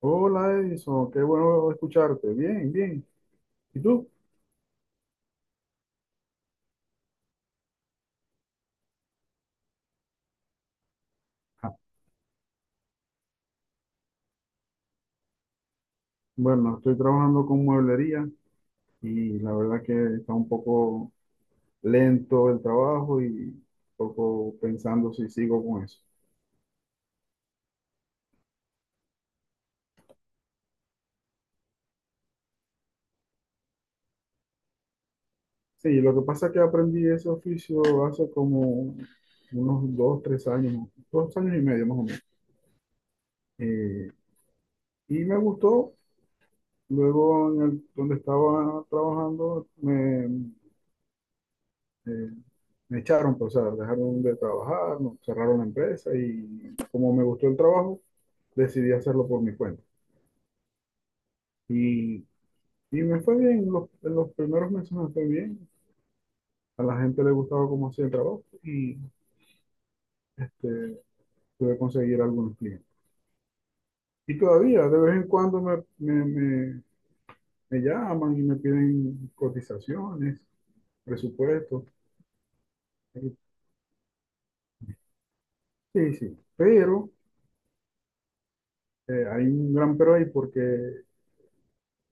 Hola Edison, qué bueno escucharte. Bien, bien. ¿Y tú? Ah, Bueno, estoy trabajando con mueblería y la verdad que está un poco lento el trabajo y un poco pensando si sigo con eso. Sí, lo que pasa es que aprendí ese oficio hace como unos dos, tres años, dos años y medio más o menos. Eh, y me gustó. Luego, donde estaba trabajando, Eh, me echaron, pues, o sea, dejaron de trabajar, cerraron la empresa y como me gustó el trabajo, decidí hacerlo por mi cuenta. Y, y me fue bien, en los primeros meses me fue bien, a la gente le gustaba cómo hacía el trabajo y este, pude conseguir algunos clientes. Y todavía, de vez en cuando me llaman y me piden cotizaciones, presupuestos. Y- Sí, sí, pero hay un gran pero ahí porque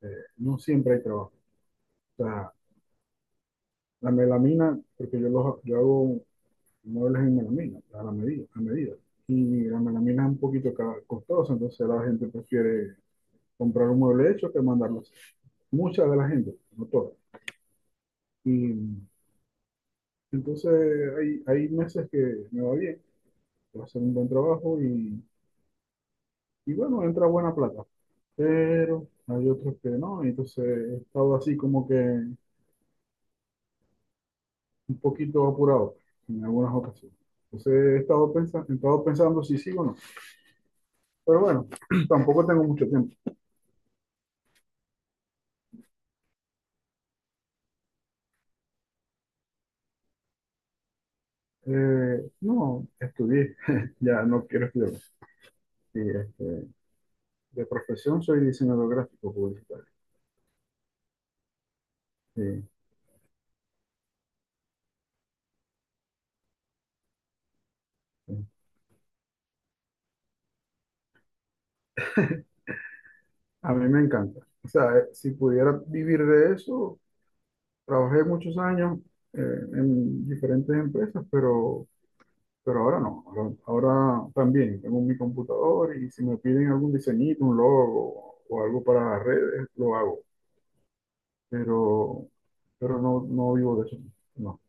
no siempre hay trabajo. O sea, la melamina, porque yo hago muebles en melamina, a la medida, a medida. Y la melamina es un poquito costosa, entonces la gente prefiere comprar un mueble hecho que mandarlo a hacer. Mucha de la gente, no toda. Y entonces hay meses que me va bien, que hacer un buen trabajo y bueno, entra buena plata. Pero hay otros que no, y entonces he estado así como que un poquito apurado en algunas ocasiones. Entonces he estado pensando si sí o no. Pero bueno, tampoco tengo mucho tiempo. No, estudié, ya no quiero estudiar más. Sí, de profesión soy diseñador gráfico publicitario. Sí, sí. A mí me encanta. O sea, si pudiera vivir de eso, trabajé muchos años eh, en diferentes empresas, pero ahora no. Ahora, ahora también tengo mi computador y si me piden algún diseñito, un logo o algo para las redes, lo hago. Pero, pero no, no vivo de eso. No.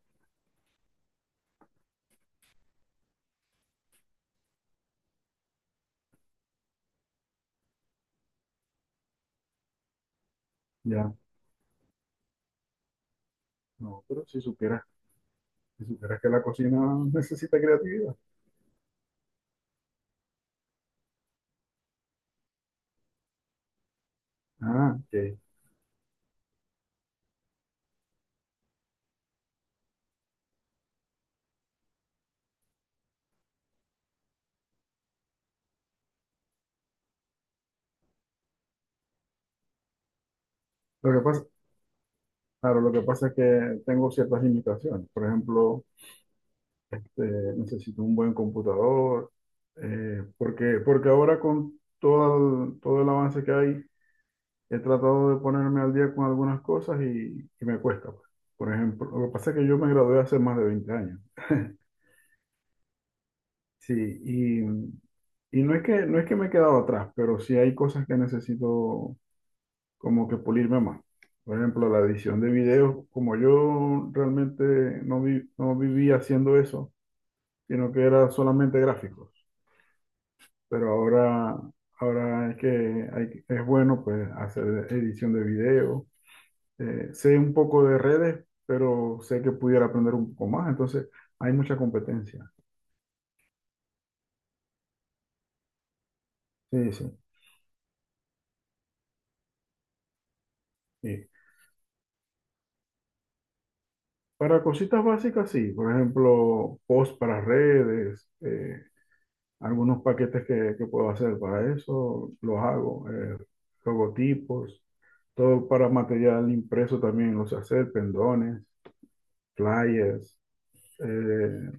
Ya, no, pero si supieras, si supieras que la cocina necesita creatividad. Ah, ok. Lo que pasa, claro, lo que pasa es que tengo ciertas limitaciones. Por ejemplo, necesito un buen computador, porque, porque ahora con todo el avance que hay, he tratado de ponerme al día con algunas cosas y me cuesta, pues. Por ejemplo, lo que pasa es que yo me gradué hace más de 20 años. Sí, y, y no es que, no es que me he quedado atrás, pero sí hay cosas que necesito como que pulirme más. Por ejemplo, la edición de videos, como yo realmente no, no vivía haciendo eso, sino que era solamente gráficos. Pero ahora, ahora es que es bueno pues, hacer edición de video. Sé un poco de redes, pero sé que pudiera aprender un poco más. Entonces, hay mucha competencia. Sí, sí. Sí. Para cositas básicas, sí. Por ejemplo, post para redes. Algunos paquetes que puedo hacer para eso, los hago, logotipos, todo para material impreso también los sé hacer, pendones, flyers, eh,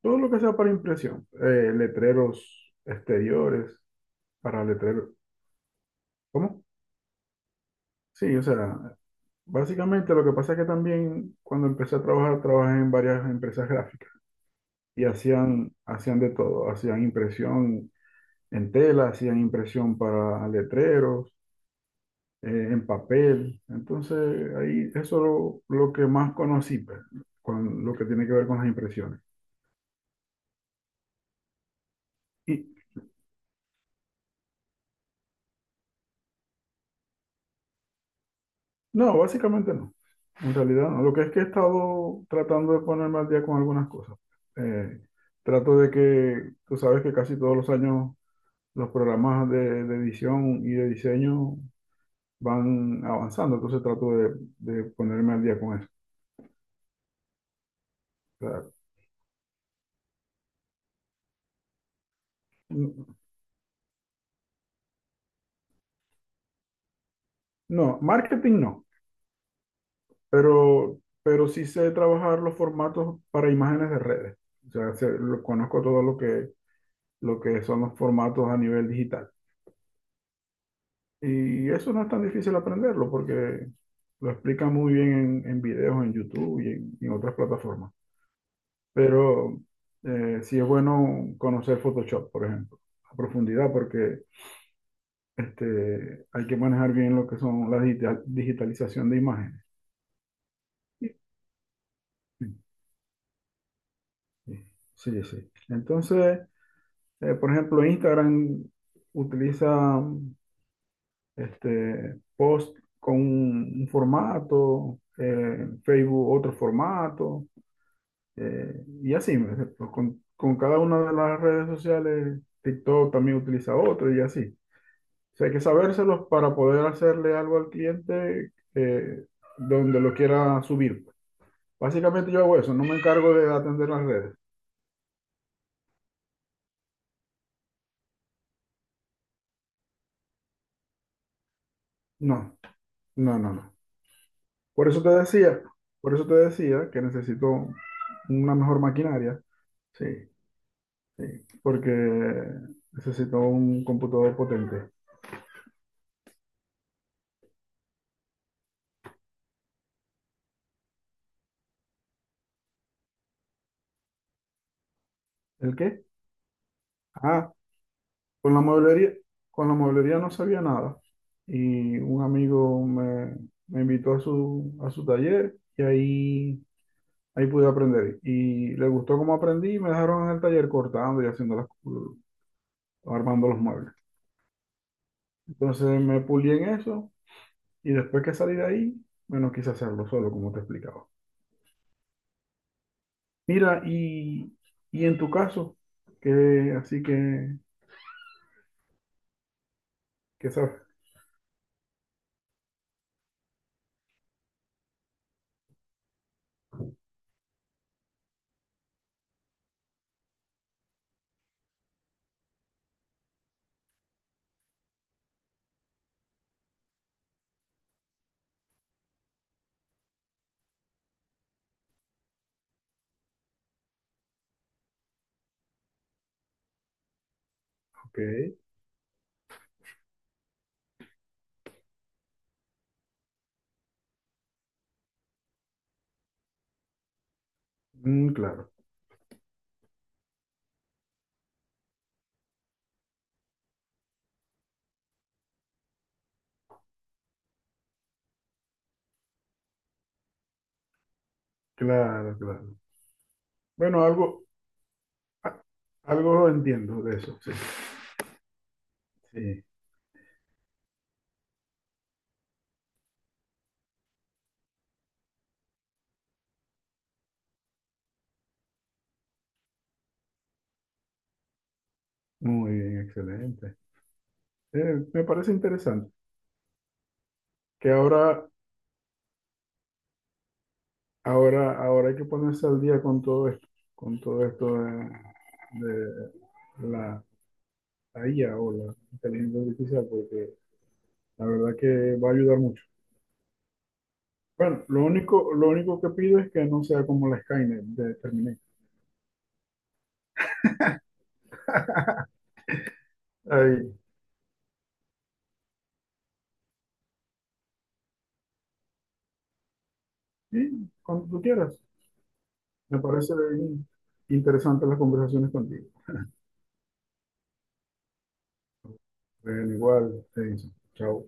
todo lo que sea para impresión, letreros exteriores, para letreros, ¿cómo? Sí, o sea, básicamente lo que pasa es que también cuando empecé a trabajar, trabajé en varias empresas gráficas y hacían de todo, hacían impresión en tela, hacían impresión para letreros, en papel. Entonces, ahí lo que más conocí, pues, con lo que tiene que ver con las impresiones. Y no, básicamente no. En realidad no. Lo que es que he estado tratando de ponerme al día con algunas cosas. Eh, Trato de que, tú sabes que casi todos los años los programas de edición y de diseño van avanzando, entonces de ponerme al día con eso. O sea, no, marketing no. Pero sí sé trabajar los formatos para imágenes de redes. O sea, conozco todo lo que son los formatos a nivel digital. Y eso no es tan difícil aprenderlo porque lo explica muy bien en videos en YouTube y en otras plataformas. Pero sí es bueno conocer Photoshop, por ejemplo, a profundidad porque hay que manejar bien lo que son la digitalización de imágenes. Sí, sí. Sí. Entonces, por ejemplo, Instagram utiliza post con un formato, Facebook otro formato, y así, ¿me entiendes? Con cada una de las redes sociales, TikTok también utiliza otro y así. O sea, hay que sabérselos para poder hacerle algo al cliente donde lo quiera subir. Básicamente yo hago eso, no me encargo de atender las redes. No, no, no, no. Por eso te decía, por eso te decía que necesito una mejor maquinaria, sí, porque necesito un computador potente. ¿El qué? Ah, con la mueblería, con la mueblería no sabía nada. Y un amigo me invitó a a su taller y ahí, ahí pude aprender. Y le gustó cómo aprendí y me dejaron en el taller cortando y haciendo armando los muebles. Entonces me pulí en eso. Y después que salí de ahí, bueno, quise hacerlo solo, como te explicaba. Mira, y en tu caso, que así que, ¿qué sabes? Ok, mm, claro, claro, claro. Bueno, algo, a- algo entiendo de eso, sí. Sí, muy bien, excelente. Me parece interesante que ahora hay que ponerse al día con todo esto de la IA o la inteligencia artificial, porque la verdad que va a ayudar mucho. Bueno, lo único que pido es que no sea como la Skynet de Terminator. Ahí. Y cuando tú quieras. Me parece bien interesante las conversaciones contigo. Bueno, igual, te dice. Chao.